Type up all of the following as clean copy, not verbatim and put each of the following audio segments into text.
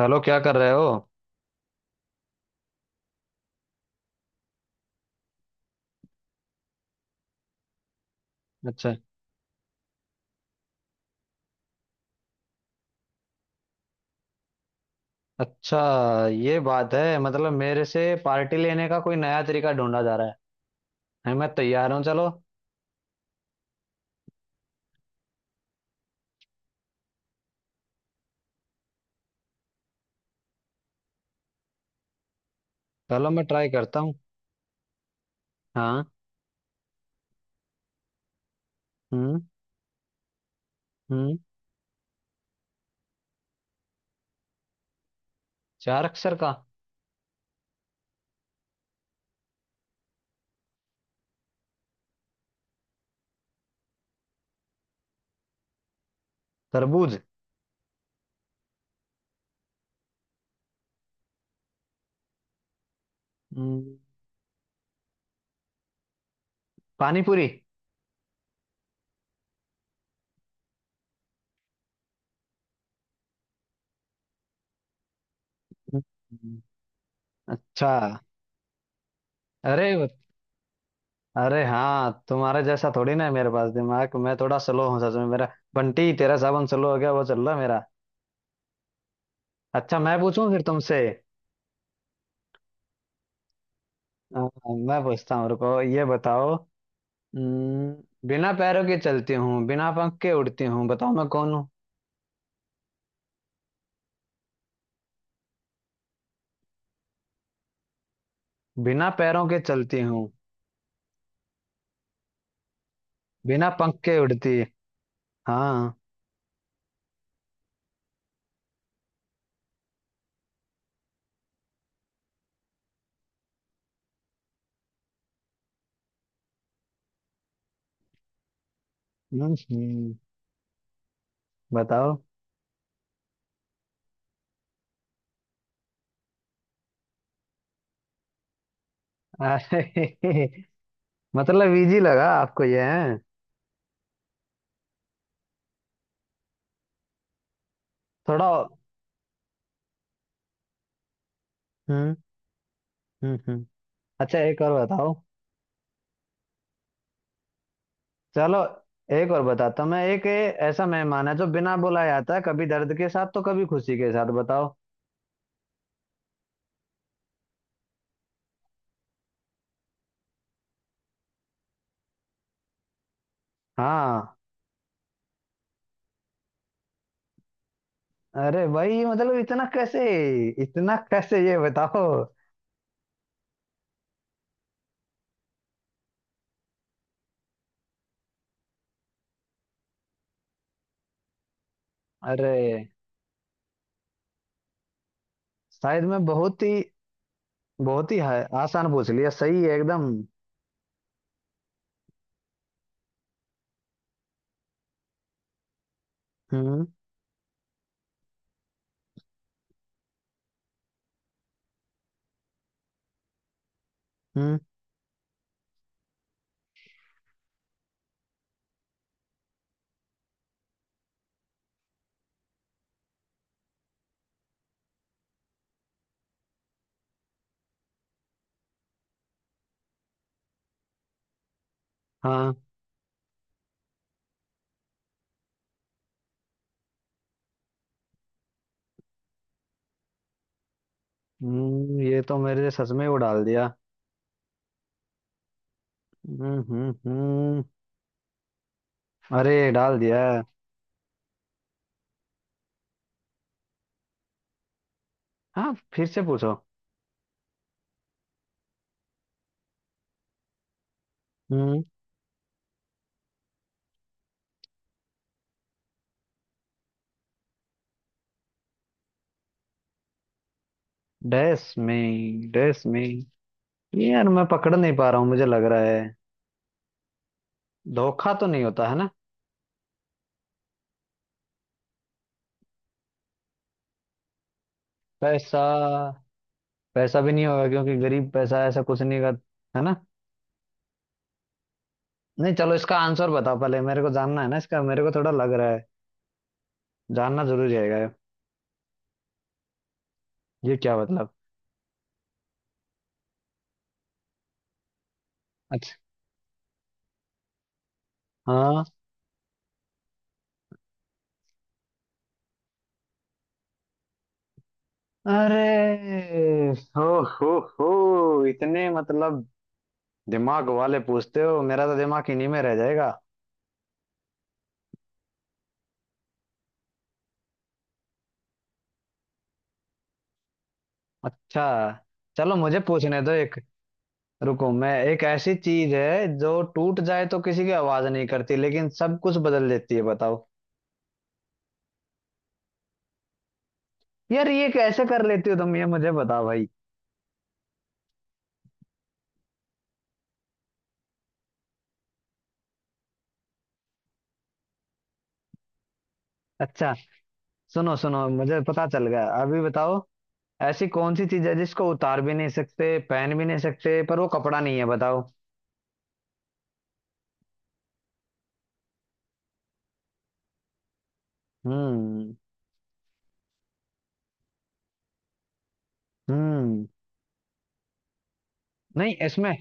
Hello, क्या कर रहे हो? अच्छा। अच्छा। ये बात है, मतलब मेरे से पार्टी लेने का कोई नया तरीका ढूंढा जा रहा है। मैं तैयार हूँ, चलो। चलो मैं ट्राई करता हूँ। हाँ। हम्म। हम्म। चार अक्षर का। तरबूज। हम्म। पानी पूरी। हम्म। अच्छा। अरे। अरे हाँ, तुम्हारे जैसा थोड़ी ना है मेरे पास दिमाग, मैं थोड़ा स्लो हूँ सच में। मेरा बंटी तेरा साबुन स्लो हो गया, वो चल रहा है मेरा। अच्छा मैं पूछूं फिर तुमसे। हाँ, मैं पूछता हूँ, रुको, ये बताओ। हम्म, बिना पैरों के चलती हूँ, बिना पंख के उड़ती हूँ, बताओ मैं कौन हूँ। बिना पैरों के चलती हूँ, बिना पंख के उड़ती। हाँ। हम्म। बताओ। अरे मतलब इजी लगा आपको ये है। थोड़ा। हम्म। हम्म। हम्म। अच्छा, एक और बताओ। चलो एक और बताता हूँ मैं। एक ऐसा मेहमान है जो बिना बुलाए आता है, कभी दर्द के साथ तो कभी खुशी के साथ, बताओ। हाँ। अरे भाई मतलब इतना कैसे, इतना कैसे ये बताओ। अरे शायद मैं बहुत ही, बहुत ही है, आसान पूछ लिया, सही है एकदम। हम्म। हम्म। हाँ। हम्म, ये तो मेरे सच में वो डाल दिया। हम्म। हम्म। हम्म। अरे डाल दिया। हाँ फिर से पूछो। हम्म। डैश में, डैश में, ये यार मैं पकड़ नहीं पा रहा हूँ, मुझे लग रहा है धोखा तो नहीं होता है ना? पैसा। पैसा भी नहीं होगा क्योंकि गरीब पैसा ऐसा कुछ नहीं का, है ना? नहीं, चलो इसका आंसर बताओ पहले, मेरे को जानना है ना इसका, मेरे को थोड़ा लग रहा है जानना जरूरी रहेगा। ये क्या मतलब? अच्छा। हाँ। अरे। हो हो हो इतने मतलब दिमाग वाले पूछते हो, मेरा तो दिमाग इन्हीं में रह जाएगा। अच्छा, चलो मुझे पूछने दो एक। रुको। मैं एक, ऐसी चीज है जो टूट जाए तो किसी की आवाज नहीं करती लेकिन सब कुछ बदल देती है, बताओ। यार ये कैसे कर लेती हो तुम, ये मुझे बताओ भाई। अच्छा, सुनो, सुनो मुझे पता चल गया, अभी बताओ। ऐसी कौन सी चीज है जिसको उतार भी नहीं सकते, पहन भी नहीं सकते, पर वो कपड़ा नहीं है, बताओ। हम्म। हम्म। नहीं, इसमें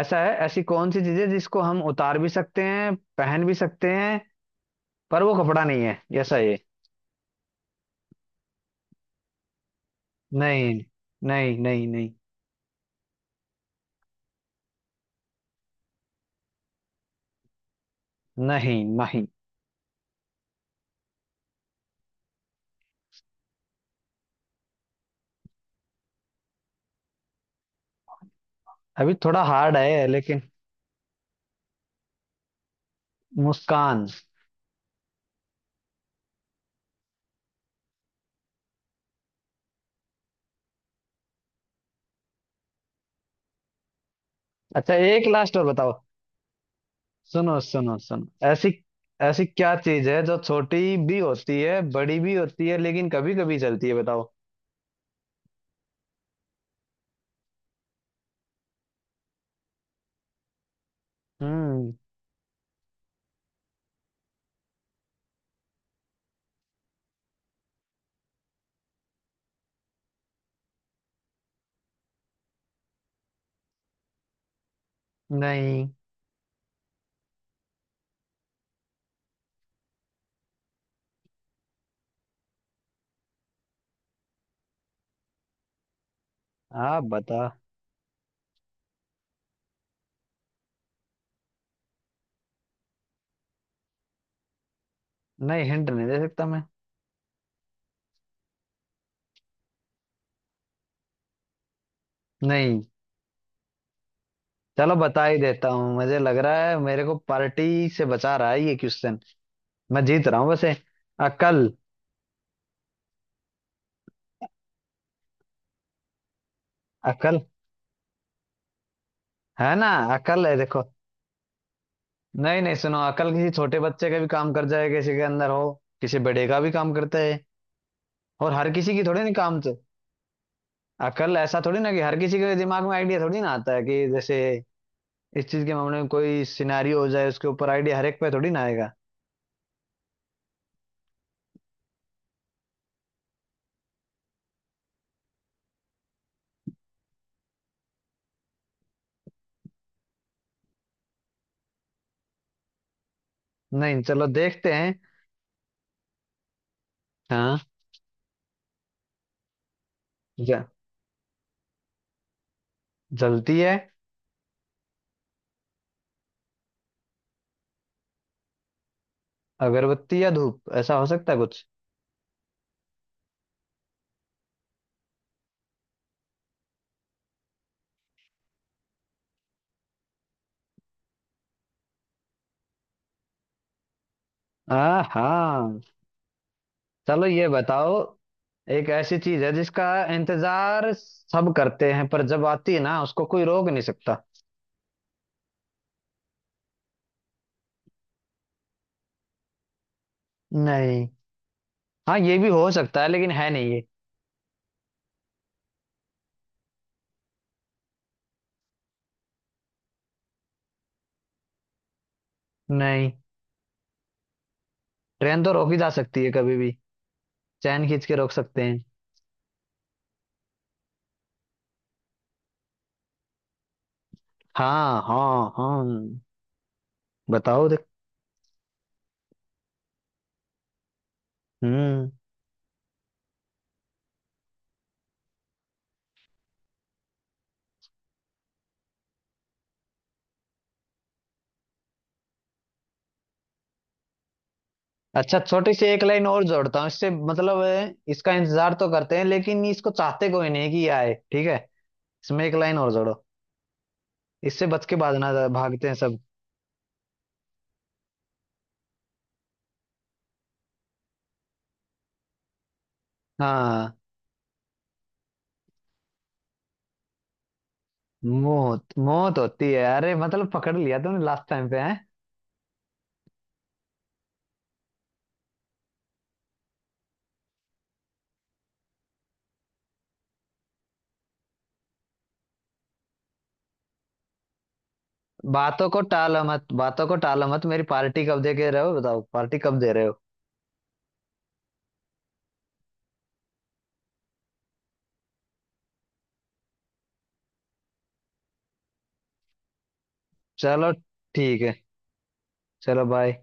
ऐसा है, ऐसी कौन सी चीज है जिसको हम उतार भी सकते हैं, पहन भी सकते हैं, पर वो कपड़ा नहीं है, ऐसा ये। नहीं, नहीं, नहीं। नहीं, नहीं, नहीं। अभी थोड़ा हार्ड है लेकिन। मुस्कान। अच्छा, एक लास्ट और बताओ। सुनो, सुनो, सुनो, ऐसी, ऐसी क्या चीज है जो छोटी भी होती है, बड़ी भी होती है, लेकिन कभी कभी चलती है, बताओ। हम्म। नहीं। आप बता। नहीं, हिंट नहीं दे सकता मैं। नहीं, चलो बता ही देता हूँ, मुझे लग रहा है मेरे को पार्टी से बचा रहा है ये क्वेश्चन। मैं जीत रहा हूँ वैसे। अकल। अकल। है ना? अकल है, देखो। नहीं नहीं, सुनो, अकल किसी छोटे बच्चे का भी काम कर जाए, किसी के अंदर हो, किसी बड़े का भी काम करता है, और हर किसी की थोड़ी ना काम तो। अकल ऐसा थोड़ी ना कि हर किसी के दिमाग में आइडिया थोड़ी ना आता है, कि जैसे इस चीज के मामले में कोई सिनारियो हो जाए उसके ऊपर आइडिया हर एक पे थोड़ी ना आएगा। नहीं, चलो देखते हैं। हाँ। ज- जलती है। अगरबत्ती या धूप, ऐसा हो सकता है कुछ। हाँ, हाँ। चलो ये बताओ, एक ऐसी चीज है जिसका इंतजार सब करते हैं पर जब आती है ना उसको कोई रोक नहीं सकता। नहीं। हाँ, ये भी हो सकता है लेकिन है नहीं ये। नहीं, ट्रेन तो रोकी जा सकती है कभी भी, चैन खींच के रोक सकते हैं। हाँ, हाँ, हाँ, बताओ देख। हम्म। अच्छा, छोटी सी एक लाइन और जोड़ता हूँ इससे, मतलब है, इसका इंतजार तो करते हैं लेकिन इसको चाहते कोई नहीं कि ये आए, ठीक है? इसमें एक लाइन और जोड़ो, इससे बच के भागना, भागते हैं सब। हाँ। मौत। मौत होती है, अरे मतलब पकड़ लिया तुमने लास्ट टाइम पे है। बातों को टालो मत, बातों को टालो मत, मेरी पार्टी कब दे के रहे हो बताओ, पार्टी कब दे रहे हो? चलो। ठीक है। चलो, बाय।